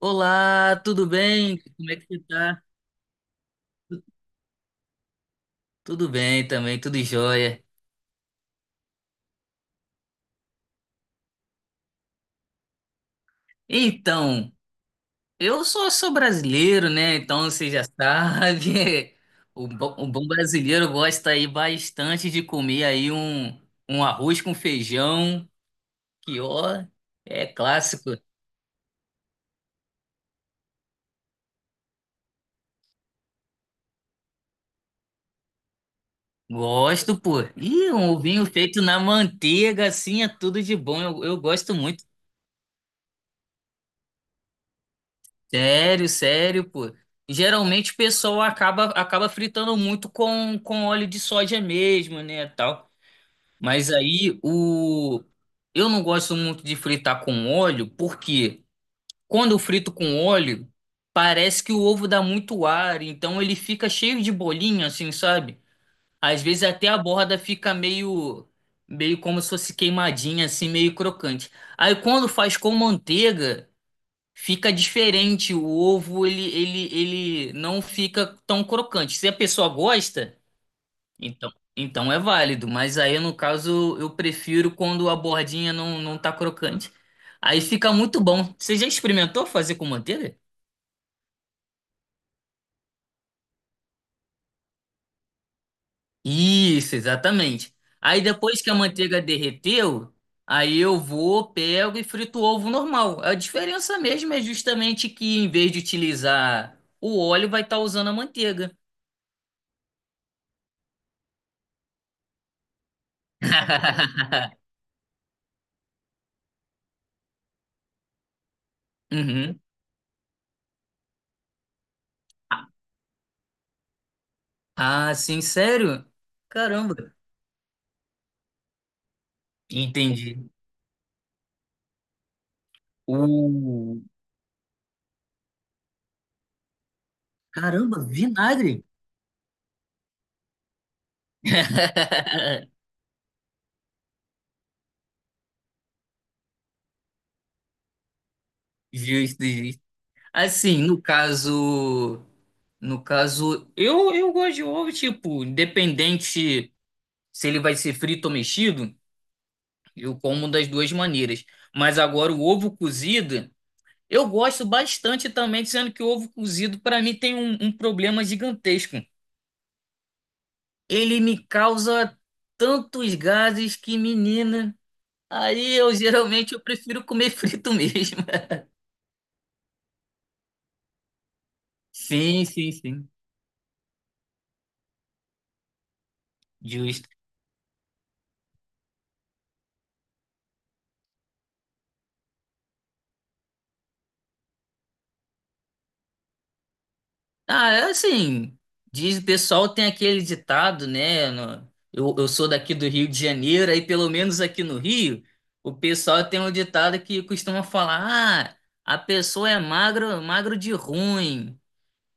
Olá, tudo bem? Como é que você tá? Tudo bem também, tudo jóia. Então, eu só sou brasileiro, né? Então você já sabe, o bom brasileiro gosta aí bastante de comer aí um arroz com feijão, que ó, é clássico. Gosto, pô. E um ovinho feito na manteiga, assim, é tudo de bom. Eu gosto muito. Sério, sério, pô. Geralmente o pessoal acaba fritando muito com óleo de soja mesmo, né, tal. Mas aí o eu não gosto muito de fritar com óleo, porque quando eu frito com óleo, parece que o ovo dá muito ar, então ele fica cheio de bolinha assim, sabe? Às vezes até a borda fica meio meio como se fosse queimadinha assim, meio crocante. Aí quando faz com manteiga, fica diferente o ovo, ele não fica tão crocante. Se a pessoa gosta, então, então é válido, mas aí no caso eu prefiro quando a bordinha não tá crocante. Aí fica muito bom. Você já experimentou fazer com manteiga? Isso, exatamente. Aí depois que a manteiga derreteu, aí eu vou, pego e frito o ovo normal. A diferença mesmo é justamente que em vez de utilizar o óleo, vai estar usando a manteiga. Uhum. Ah, sim, sério? Caramba. Entendi. O... Caramba, vinagre. Justo, justo. Assim, no caso, no caso, eu gosto de ovo, tipo, independente se ele vai ser frito ou mexido, eu como das duas maneiras. Mas agora o ovo cozido, eu gosto bastante também, sendo que o ovo cozido para mim tem um problema gigantesco. Ele me causa tantos gases que, menina, aí eu geralmente eu prefiro comer frito mesmo. Sim, sim, sim. Justo. Ah, é assim, diz o pessoal tem aquele ditado, né? Eu sou daqui do Rio de Janeiro, aí pelo menos aqui no Rio, o pessoal tem um ditado que costuma falar: ah, a pessoa é magro, magro de ruim.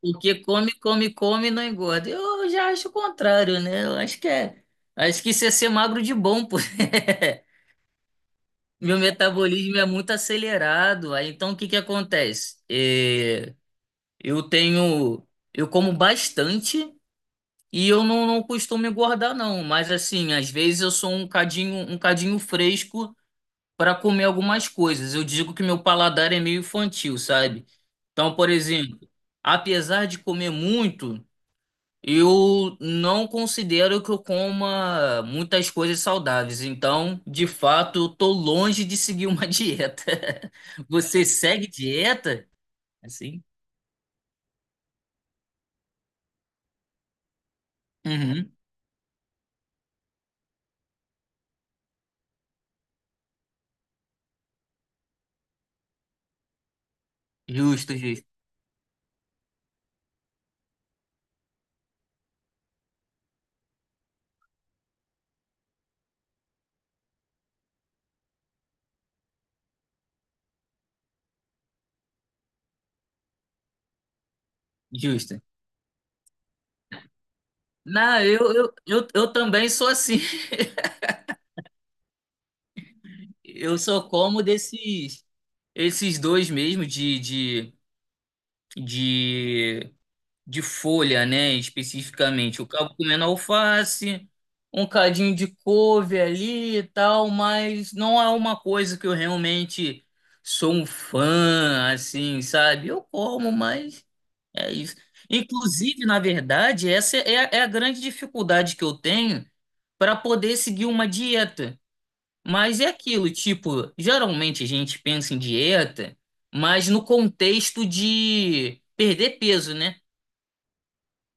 Porque come, come, come e não engorda. Eu já acho o contrário, né? Eu acho que é. Acho que isso é ser magro de bom, pô. Meu metabolismo é muito acelerado. Aí, então, o que que acontece? Eu tenho. Eu como bastante e eu não costumo engordar, não. Mas, assim, às vezes eu sou um cadinho fresco para comer algumas coisas. Eu digo que meu paladar é meio infantil, sabe? Então, por exemplo, apesar de comer muito. Eu não considero que eu coma muitas coisas saudáveis, então, de fato, eu tô longe de seguir uma dieta. Você segue dieta? Assim? Uhum. Justo, justo, justo. Não, eu também sou assim. Eu só como desses esses dois mesmo, de, de folha, né? Especificamente. Eu acabo comendo alface, um cadinho de couve ali e tal, mas não é uma coisa que eu realmente sou um fã, assim, sabe? Eu como, mas é isso. Inclusive, na verdade, essa é, é a grande dificuldade que eu tenho para poder seguir uma dieta. Mas é aquilo, tipo, geralmente a gente pensa em dieta, mas no contexto de perder peso, né?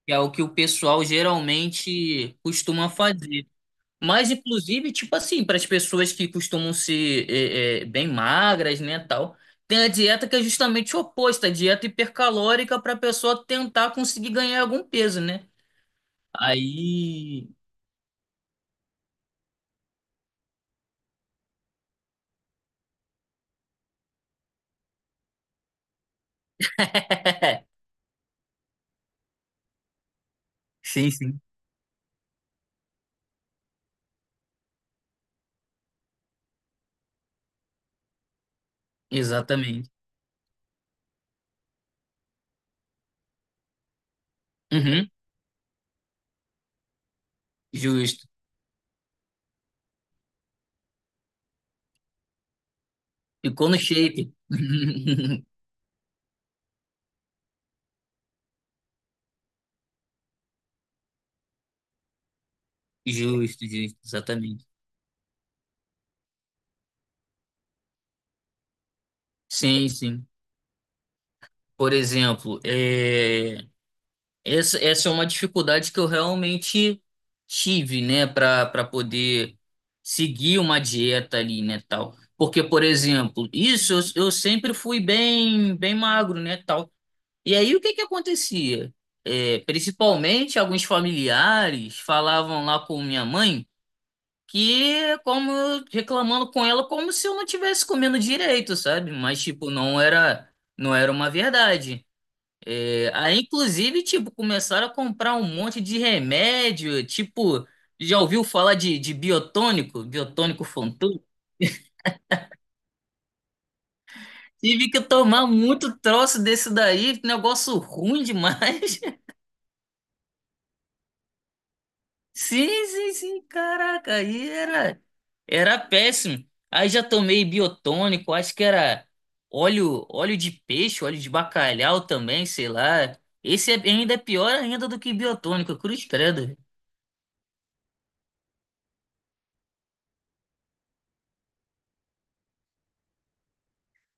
Que é o que o pessoal geralmente costuma fazer. Mas, inclusive, tipo assim, para as pessoas que costumam ser bem magras, né, tal, tem a dieta que é justamente oposta, a dieta hipercalórica para a pessoa tentar conseguir ganhar algum peso, né? Aí. Sim, sim. Exatamente. Uhum, justo. Ficou no shape. Justo, justo, exatamente. Sim, sim. Por exemplo, essa, essa é uma dificuldade que eu realmente tive, né, para para poder seguir uma dieta ali, né, tal. Porque, por exemplo, isso eu sempre fui bem bem magro, né, tal. E aí o que que acontecia? Principalmente alguns familiares falavam lá com minha mãe que reclamando com ela como se eu não tivesse comendo direito, sabe? Mas tipo, não era não era uma verdade. Aí, inclusive, tipo, começaram a comprar um monte de remédio, tipo, já ouviu falar de biotônico, biotônico Fontoura? Tive que tomar muito troço desse daí, negócio ruim demais. Sim, sim, sim, caraca, era péssimo. Aí já tomei biotônico, acho que era óleo, óleo de peixe, óleo de bacalhau também, sei lá. Ainda é pior ainda do que biotônico, cruz credo.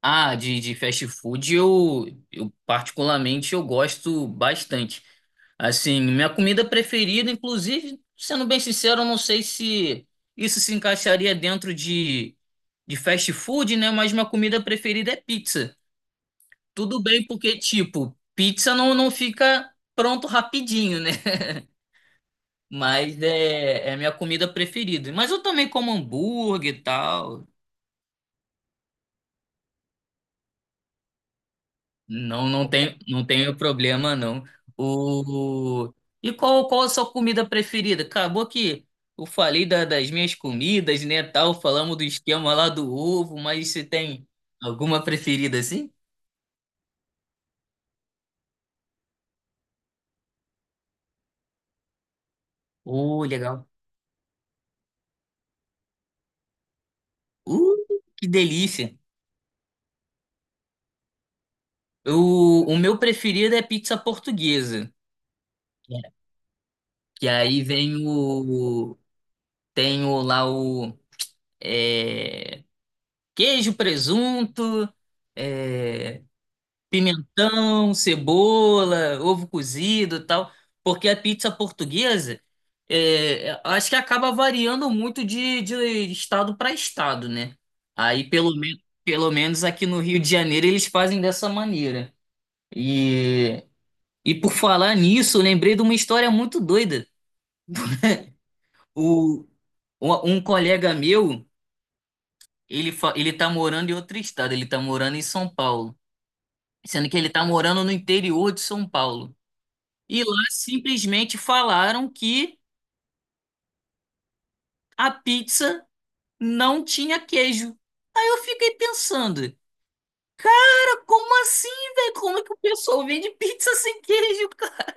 Ah, de fast food eu particularmente eu gosto bastante. Assim, minha comida preferida, inclusive, sendo bem sincero, eu não sei se isso se encaixaria dentro de fast food, né? Mas minha comida preferida é pizza. Tudo bem porque, tipo, pizza não fica pronto rapidinho, né? Mas é, é a minha comida preferida. Mas eu também como hambúrguer e tal. Não, não tem, não tenho problema, não. O... E qual, qual a sua comida preferida? Acabou que eu falei das minhas comidas, né, tal, falamos do esquema lá do ovo, mas você tem alguma preferida assim? Legal. Uh, que delícia. O meu preferido é pizza portuguesa, que aí vem o... Tem o, lá o... é, queijo, presunto... é, pimentão, cebola, ovo cozido e tal, porque a pizza portuguesa, é, é, acho que acaba variando muito de estado para estado, né? Aí, pelo menos aqui no Rio de Janeiro, eles fazem dessa maneira. E, e por falar nisso, eu lembrei de uma história muito doida. O, um um colega meu, ele tá morando em outro estado, ele tá morando em São Paulo, sendo que ele tá morando no interior de São Paulo. E lá simplesmente falaram que a pizza não tinha queijo. Aí eu fiquei pensando, cara, como assim, velho? Como é que o pessoal vende pizza sem queijo, cara?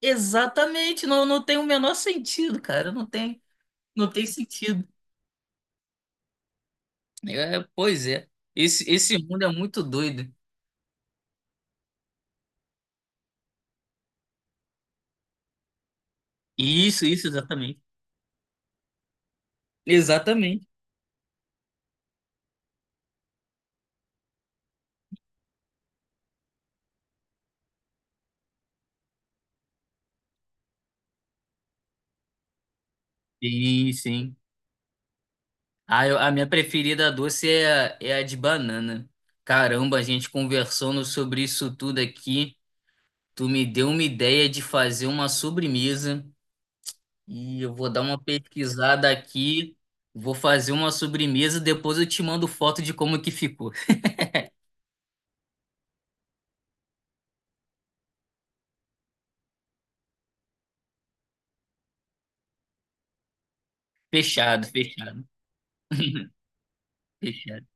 Exatamente, não, não tem o menor sentido, cara. Não tem sentido. É, pois é. Esse mundo é muito doido. Isso, exatamente. Exatamente. Sim, sim. Ah, a minha preferida doce é, é a de banana. Caramba, a gente conversando sobre isso tudo aqui. Tu me deu uma ideia de fazer uma sobremesa e eu vou dar uma pesquisada aqui. Vou fazer uma sobremesa, depois eu te mando foto de como que ficou. Fechado, fechado, fechado.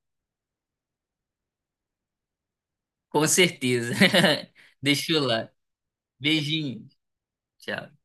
Com certeza. Deixa eu lá. Beijinho. Tchau.